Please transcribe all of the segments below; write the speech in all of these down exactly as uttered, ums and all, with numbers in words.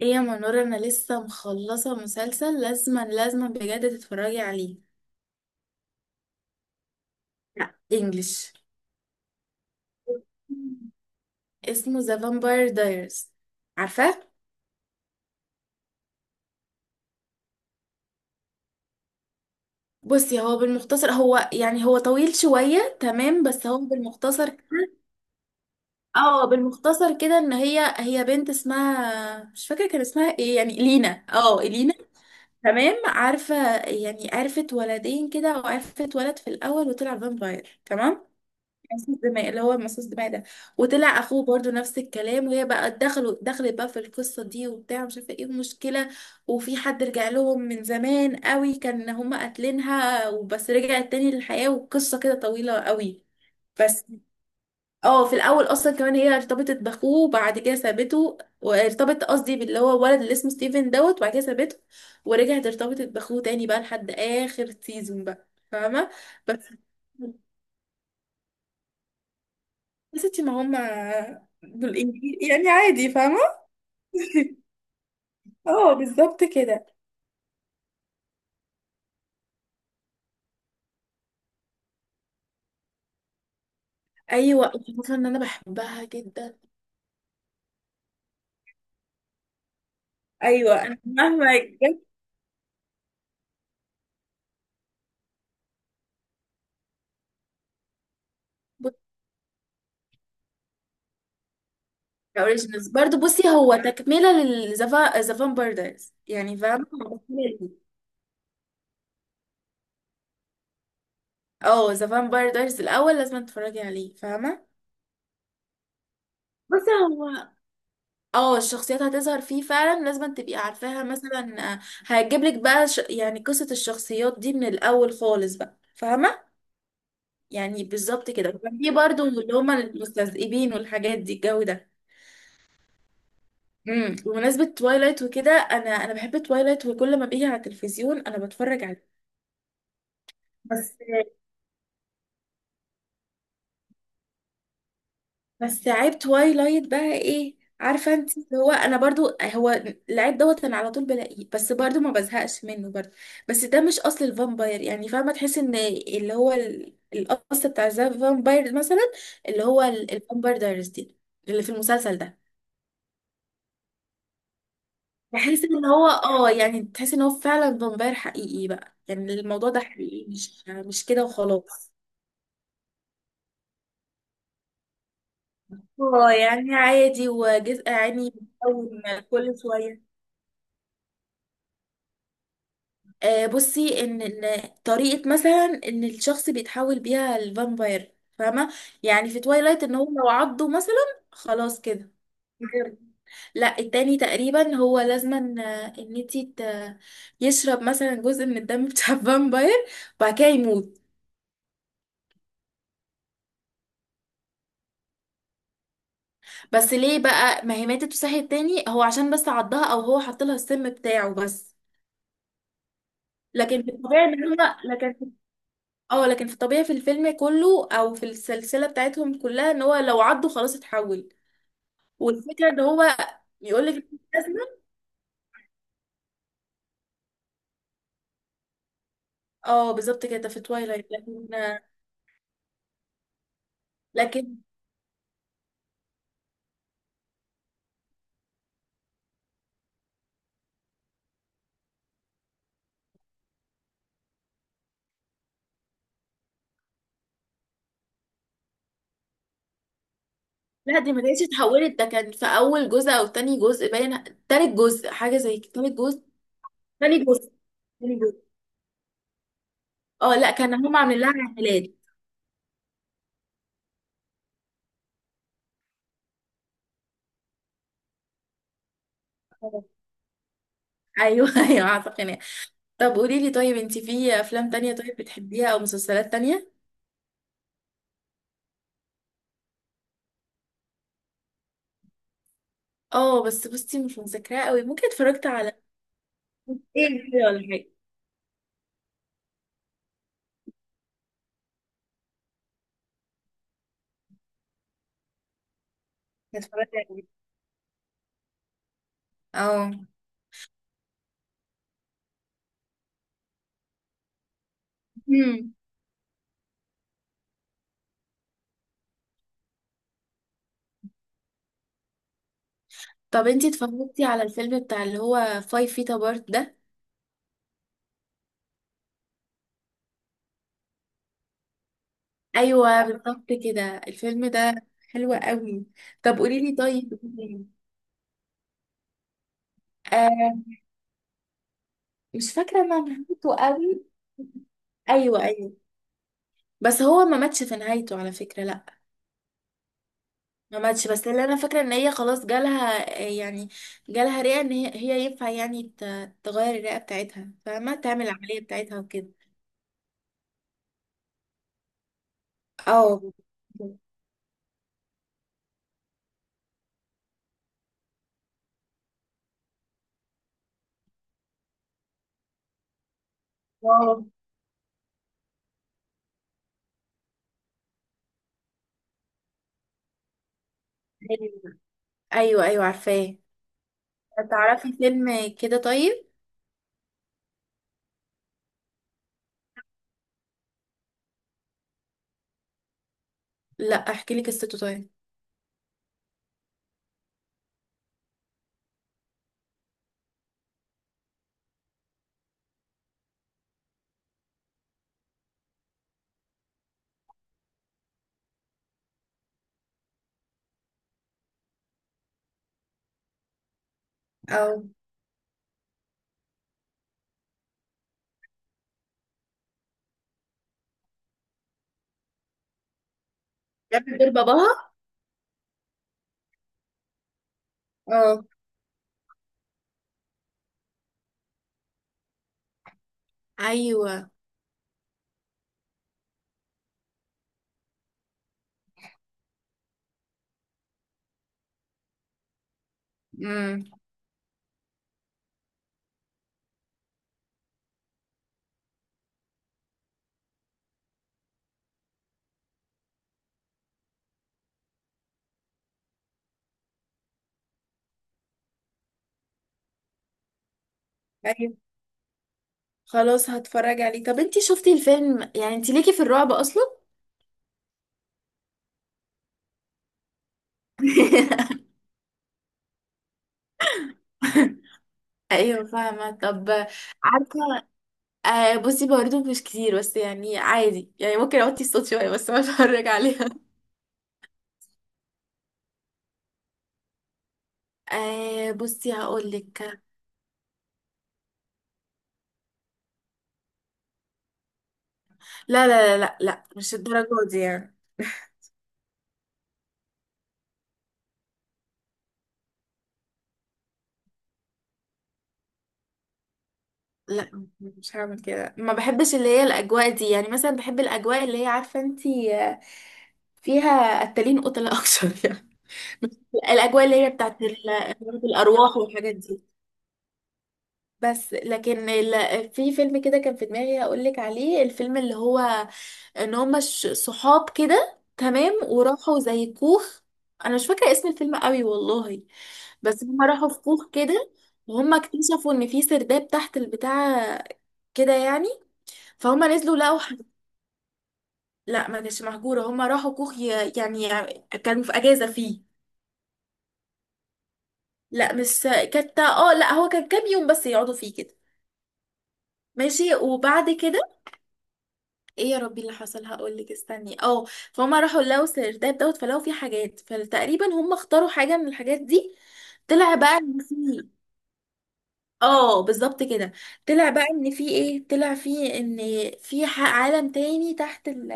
ايه يا منور، انا لسه مخلصه مسلسل، لازما لازما بجد تتفرجي عليه. لا، انجلش. اسمه ذا فامباير دايرز. عارفاه. بصي، هو بالمختصر هو يعني هو طويل شويه، تمام؟ بس هو بالمختصر كده. اه، بالمختصر كده ان هي هي بنت اسمها مش فاكره، كان اسمها ايه يعني، لينا، اه لينا. تمام، عارفه. يعني عرفت ولدين كده، وعرفت ولد في الاول وطلع فامباير، تمام؟ مصاص دماء، اللي هو مصاص دماء ده. وطلع اخوه برضو نفس الكلام، وهي بقى دخلوا دخلت بقى في القصه دي وبتاع، مش عارفه ايه المشكله. وفي حد رجع لهم من زمان قوي كان هما قاتلينها، وبس رجعت تاني للحياه، والقصه كده طويله قوي. بس. اه، في الاول اصلا كمان هي ارتبطت باخوه وبعد كده سابته، وارتبطت قصدي باللي هو الولد اللي اسمه ستيفن دوت، وبعد كده سابته ورجعت ارتبطت باخوه تاني بقى لحد اخر سيزون بقى، فاهمه؟ بس يا ستي، ما هم دول انجليزي يعني عادي، فاهمة؟ اه بالظبط كده. ايوه، الفكرة ان انا بحبها جدا. ايوه، انا مهما جت. بصي. اوريجينالز برضه، بصي، هو تكملة للزفا زفان باردرز، يعني فاهمة هو تكملة ليه. اه، زفان باردرز الاول لازم تتفرجي عليه، فاهمة؟ بصي هو، اه الشخصيات هتظهر فيه فعلا، لازم تبقي عارفاها مثلا. هتجيب لك بقى ش... يعني قصة الشخصيات دي من الاول خالص بقى، فاهمة؟ يعني بالظبط كده. وكان في برضه اللي هما المستذئبين والحاجات دي، الجو ده. امم بمناسبة توايلايت وكده، انا انا بحب توايلايت، وكل ما بيجي على التلفزيون انا بتفرج عليه. بس. بس عيب توايلايت بقى ايه عارفة انت، اللي هو انا برضو هو العيب دوت انا على طول بلاقيه، بس برضو ما بزهقش منه برضو. بس ده مش اصل الفامباير يعني، فاهمة؟ تحس ان اللي هو ال- الاصل بتاع الفامباير، مثلا اللي هو ال- الفامباير دايرز دي، اللي في المسلسل ده. بحس ان هو اه يعني تحس ان هو فعلا فامباير حقيقي بقى، يعني الموضوع ده حقيقي، مش مش كده وخلاص. اه يعني عادي، وجزء عيني بيتكون كل شوية. آه بصي، ان إن طريقة مثلا ان الشخص بيتحول بيها الفامباير، فاهمة؟ يعني في توايلايت، ان هو لو عضه مثلا خلاص كده. بجد. لا، التاني تقريبا هو لازما آه، ان انتي ت- يشرب مثلا جزء من الدم بتاع الفامباير، وبعد كده يموت. بس ليه بقى؟ ما هي ماتت وصحيت تاني، هو عشان بس عضها او هو حط لها السم بتاعه بس. لكن في الطبيعي ان هما لكن في- اه، لكن في الطبيعي في الفيلم كله او في السلسله بتاعتهم كلها، ان هو لو عضه خلاص اتحول. والفكره ان هو يقول لك لازمه. اه بالظبط كده في تويلايت. لكن لكن لا، دي ما كانتش اتحولت، ده كان في اول جزء او تاني جزء، باين تالت جزء حاجه زي كده. تالت جزء. تاني جزء. تاني جزء. اه لا، كان هم عاملين لها عمليات. اه. ايوه ايوه عارفه. طب قولي لي، طيب انت في افلام تانية طيب بتحبيها، او مسلسلات تانية؟ اه بس بصي مش مذاكراها قوي، ممكن اتفرجت على ايه كده ولا حاجة. اتفرجت على ايه؟ اه. مم. طب انت اتفرجتي على الفيلم بتاع اللي هو فايف فيتا بارت ده؟ ايوه بالظبط كده. الفيلم ده حلو قوي. طب قولي لي طيب. آه، مش فاكرة انا نهايته قوي. ايوه ايوه. بس هو ما ماتش في نهايته على فكرة، لا. ما ماتش، بس اللي انا فاكره ان هي خلاص جالها يعني، جالها رئه، ان هي هي ينفع يعني ت- تغير الرئه بتاعتها، فما تعمل العمليه بتاعتها وكده. اه. واو. ايوه ايوه عارفاه. تعرفي فيلم كده طيب؟ لا، احكي لك قصته طيب. او بتعمل دور باباها. اه. ايوه. امم. ايوه. خلاص هتفرج عليه. طب انتي شفتي الفيلم؟ يعني انتي ليكي في الرعب اصلا؟ ايوه فاهمه. طب عارفه، آه بصي برضه مش كتير، بس يعني عادي، يعني ممكن اوطي الصوت شويه بس أنا اتفرج عليها. آه بصي هقول لك. لا لا لا لا لا، مش الدرجه دي يعني. لا مش هعمل كده، ما بحبش اللي هي الاجواء دي. يعني مثلا بحب الاجواء اللي هي عارفه انتي، آه، فيها قتالين قتلة اكتر يعني الاجواء اللي هي بتاعت ال- الارواح والحاجات دي. بس لكن ال- في فيلم كده كان في دماغي هقول لك عليه، الفيلم اللي هو ان هما ش- صحاب كده تمام، وراحوا زي كوخ. انا مش فاكره اسم الفيلم قوي والله. بس هما راحوا في كوخ كده، وهما اكتشفوا ان في سرداب تحت البتاع كده يعني. فهما نزلوا لقوا ح... لا ما كانتش مهجوره، هما راحوا كوخ ي... يعني كانوا في اجازه فيه. لا مش كانت، اه لا هو كان كام يوم بس يقعدوا فيه كده. ماشي، وبعد كده، ايه يا ربي اللي حصل، هقولك استني اه. فهم راحوا لقوا السرداب دوت، فلقوا فيه حاجات، فتقريبا هم اختاروا حاجة من الحاجات دي. طلع بقى ان في، اه بالظبط كده. طلع بقى ان في ايه، طلع في ان في ح- عالم تاني تحت ال،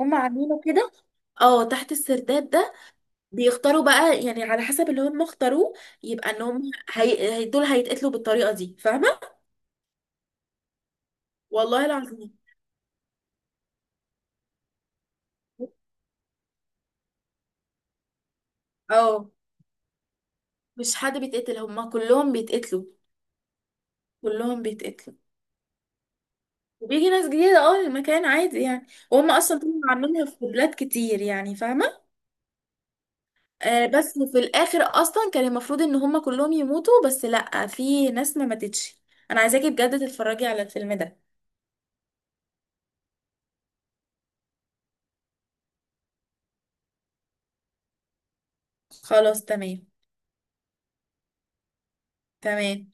هم عاملينه كده، اه تحت السرداب ده. بيختاروا بقى يعني على حسب اللي هم اختاروه، يبقى ان هم هي... هي- دول هيتقتلوا بالطريقة دي، فاهمة؟ والله العظيم. اه مش حد بيتقتل، هم كلهم بيتقتلوا. كلهم بيتقتلوا. وبيجي ناس جديدة، اه المكان عادي يعني. وهم اصلا طلعوا عاملينها في بلاد كتير يعني، فاهمة؟ آه بس في الاخر اصلا كان المفروض ان هم كلهم يموتوا، بس لا، في ناس ما ماتتش. انا عايزاكي بجد تتفرجي على الفيلم ده. خلاص تمام. تمام.